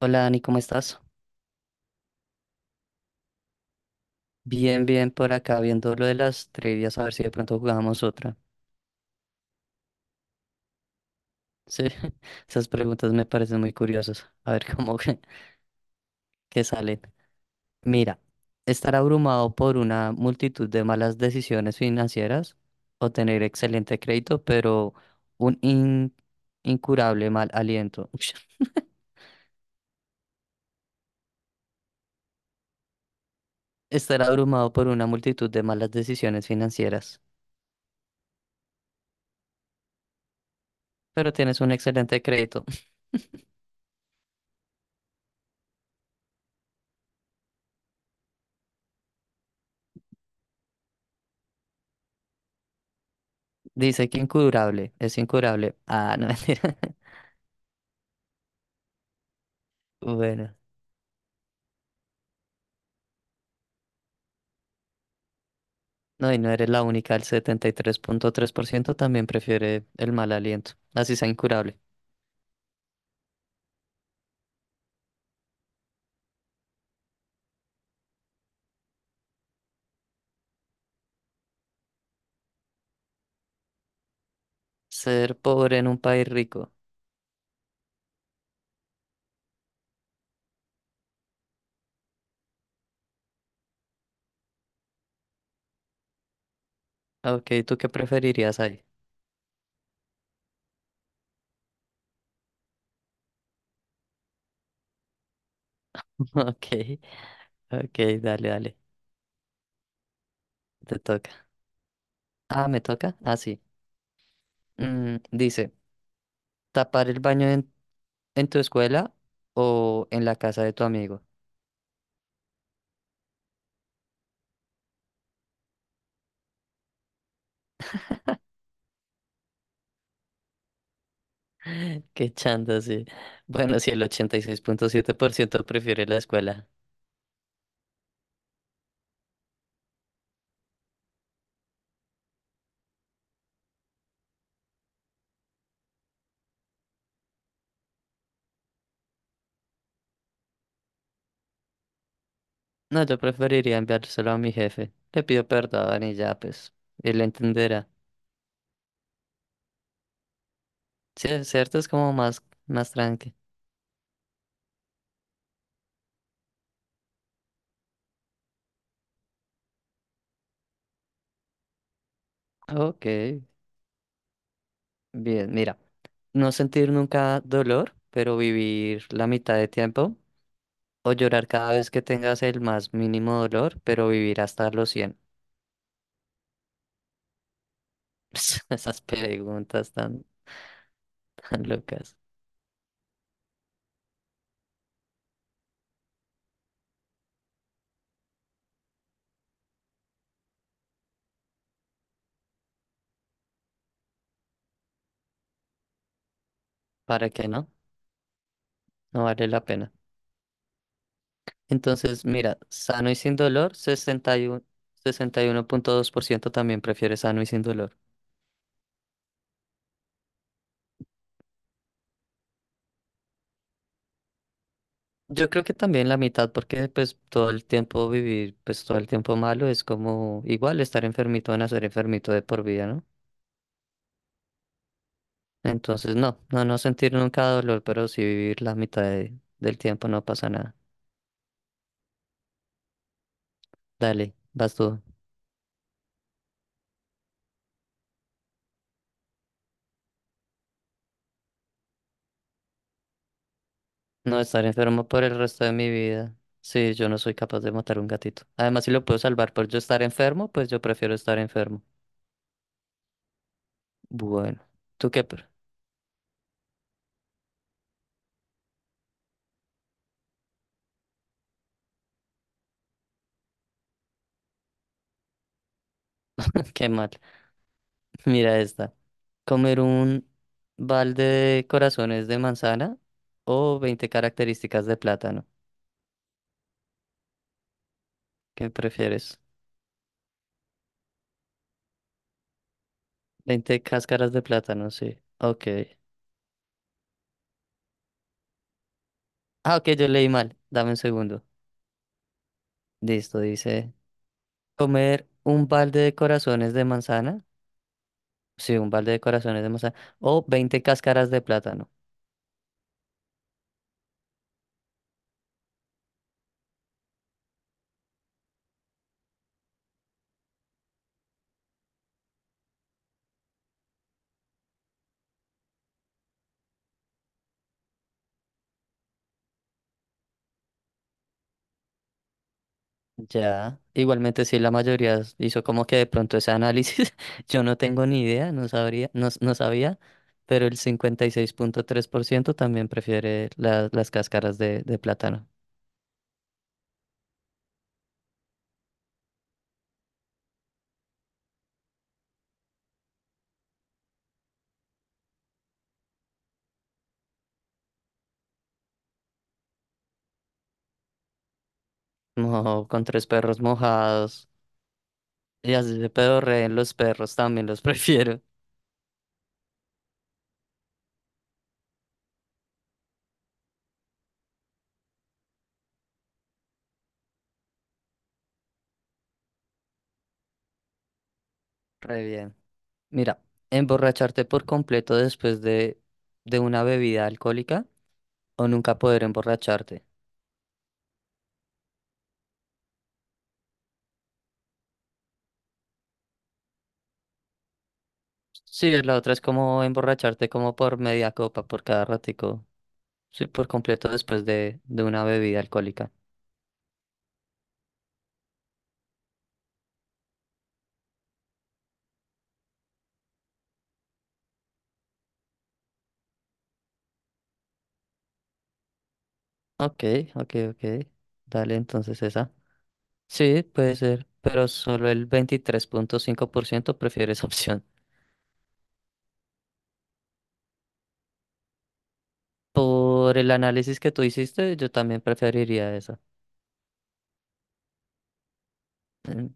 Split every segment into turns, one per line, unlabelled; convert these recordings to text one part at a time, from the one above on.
Hola Dani, ¿cómo estás? Bien, bien por acá viendo lo de las trivias, a ver si de pronto jugamos otra. Sí, esas preguntas me parecen muy curiosas. A ver cómo que salen. Mira, estar abrumado por una multitud de malas decisiones financieras o tener excelente crédito, pero un incurable mal aliento. Estar abrumado por una multitud de malas decisiones financieras, pero tienes un excelente crédito. Dice que incurable, es incurable. Ah, no, mentira. Bueno, no, y no eres la única, el setenta y tres punto tres por ciento también prefiere el mal aliento, así sea incurable. Ser pobre en un país rico. Ok, ¿tú qué preferirías ahí? Ok, ok, dale, dale, te toca. Ah, ¿me toca? Ah, sí. Dice, tapar el baño en tu escuela o en la casa de tu amigo. Qué chanda, sí. Bueno, sí, el 86,7% prefiere la escuela. No, yo preferiría enviárselo a mi jefe. Le pido perdón y ya, pues, él entenderá. Sí, es cierto, es como más, más tranqui. Ok, bien, mira. No sentir nunca dolor, pero vivir la mitad de tiempo. O llorar cada vez que tengas el más mínimo dolor, pero vivir hasta los 100. Esas preguntas tan, tan locas. ¿Para qué no? No vale la pena. Entonces, mira, sano y sin dolor, sesenta y uno punto dos por ciento también prefiere sano y sin dolor. Yo creo que también la mitad, porque pues todo el tiempo vivir, pues todo el tiempo malo es como igual estar enfermito a nacer enfermito de por vida, ¿no? Entonces no, no, no sentir nunca dolor, pero sí vivir la mitad del tiempo no pasa nada. Dale, vas tú. No estar enfermo por el resto de mi vida. Sí, yo no soy capaz de matar un gatito. Además, si lo puedo salvar por yo estar enfermo, pues yo prefiero estar enfermo. Bueno, tú qué, qué mal. Mira esta. Comer un balde de corazones de manzana o 20 características de plátano. ¿Qué prefieres? 20 cáscaras de plátano, sí. Ok. Ah, ok, yo leí mal. Dame un segundo. Listo, dice. Comer un balde de corazones de manzana. Sí, un balde de corazones de manzana. O 20 cáscaras de plátano. Ya, igualmente sí, la mayoría hizo como que de pronto ese análisis, yo no tengo ni idea, no sabría, no, no sabía, pero el 56,3% también prefiere las cáscaras de plátano. No, con tres perros mojados, y así se pedorreen los perros, también los prefiero. Re bien. Mira, emborracharte por completo después de una bebida alcohólica o nunca poder emborracharte. Sí, la otra es como emborracharte como por media copa por cada ratico. Sí, por completo después de una bebida alcohólica. Ok, ok, ok. Dale entonces esa. Sí, puede ser, pero solo el 23,5% prefiere esa opción. Por el análisis que tú hiciste, yo también preferiría esa. Mm,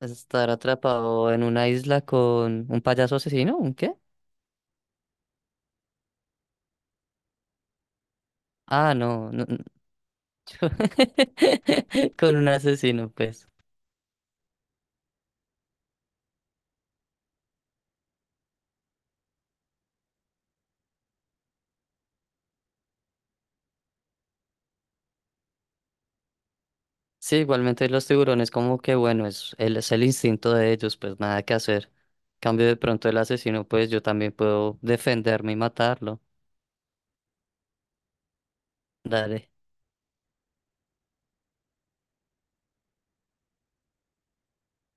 Estar atrapado en una isla con un payaso asesino, ¿un qué? Ah, no, no, no. con un asesino, pues. Sí, igualmente los tiburones como que bueno, es el instinto de ellos, pues nada que hacer. Cambio de pronto el asesino, pues yo también puedo defenderme y matarlo. Dale,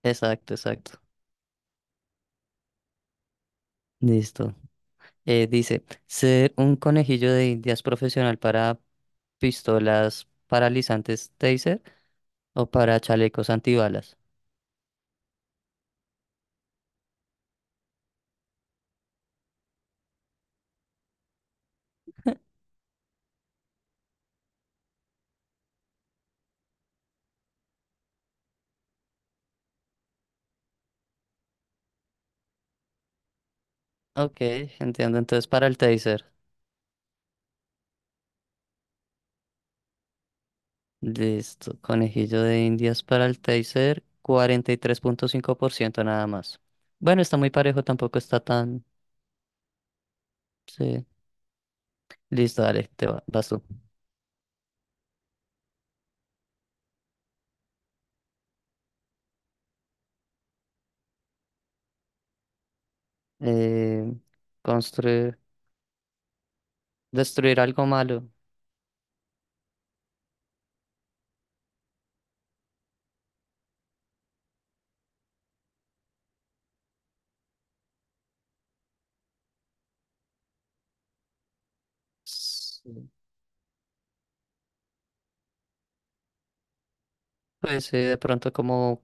exacto, exacto. Listo. Dice, ser un conejillo de indias profesional para pistolas paralizantes taser o para chalecos antibalas. Ok, entiendo. Entonces para el taser. Listo. Conejillo de Indias para el taser, 43,5% nada más. Bueno, está muy parejo, tampoco está tan. Sí. Listo, dale, vas tú. Eh, construir, destruir algo malo. Sí. Pues sí, de pronto como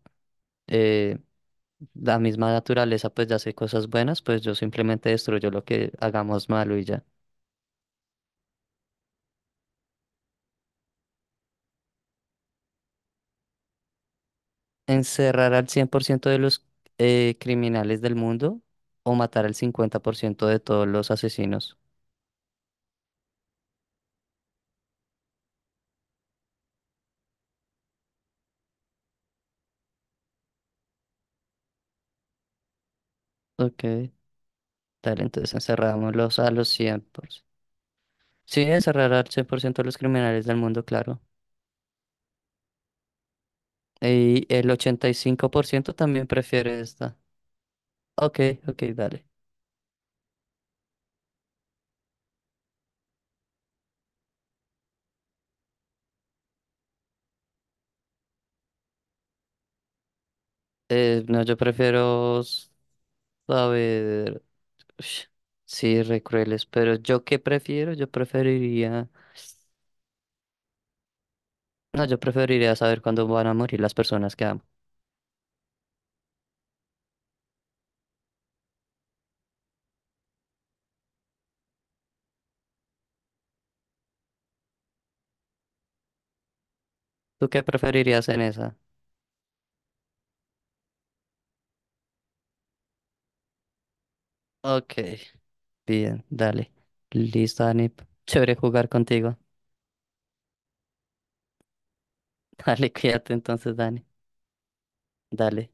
eh, la misma naturaleza pues ya hace cosas buenas, pues yo simplemente destruyo lo que hagamos malo y ya. ¿Encerrar al 100% de los criminales del mundo o matar al 50% de todos los asesinos? Ok, dale, entonces encerrámoslos a los 100%. Sí, encerrar al 100% de los criminales del mundo, claro. Y el 85% también prefiere esta. Ok, ok, dale. No, yo prefiero saber. Ush, sí, re crueles, pero ¿yo qué prefiero? Yo preferiría. No, yo preferiría saber cuándo van a morir las personas que amo. ¿Tú qué preferirías en esa? Ok, bien, dale. Listo, Dani. Chévere jugar contigo. Dale, cuídate entonces, Dani. Dale.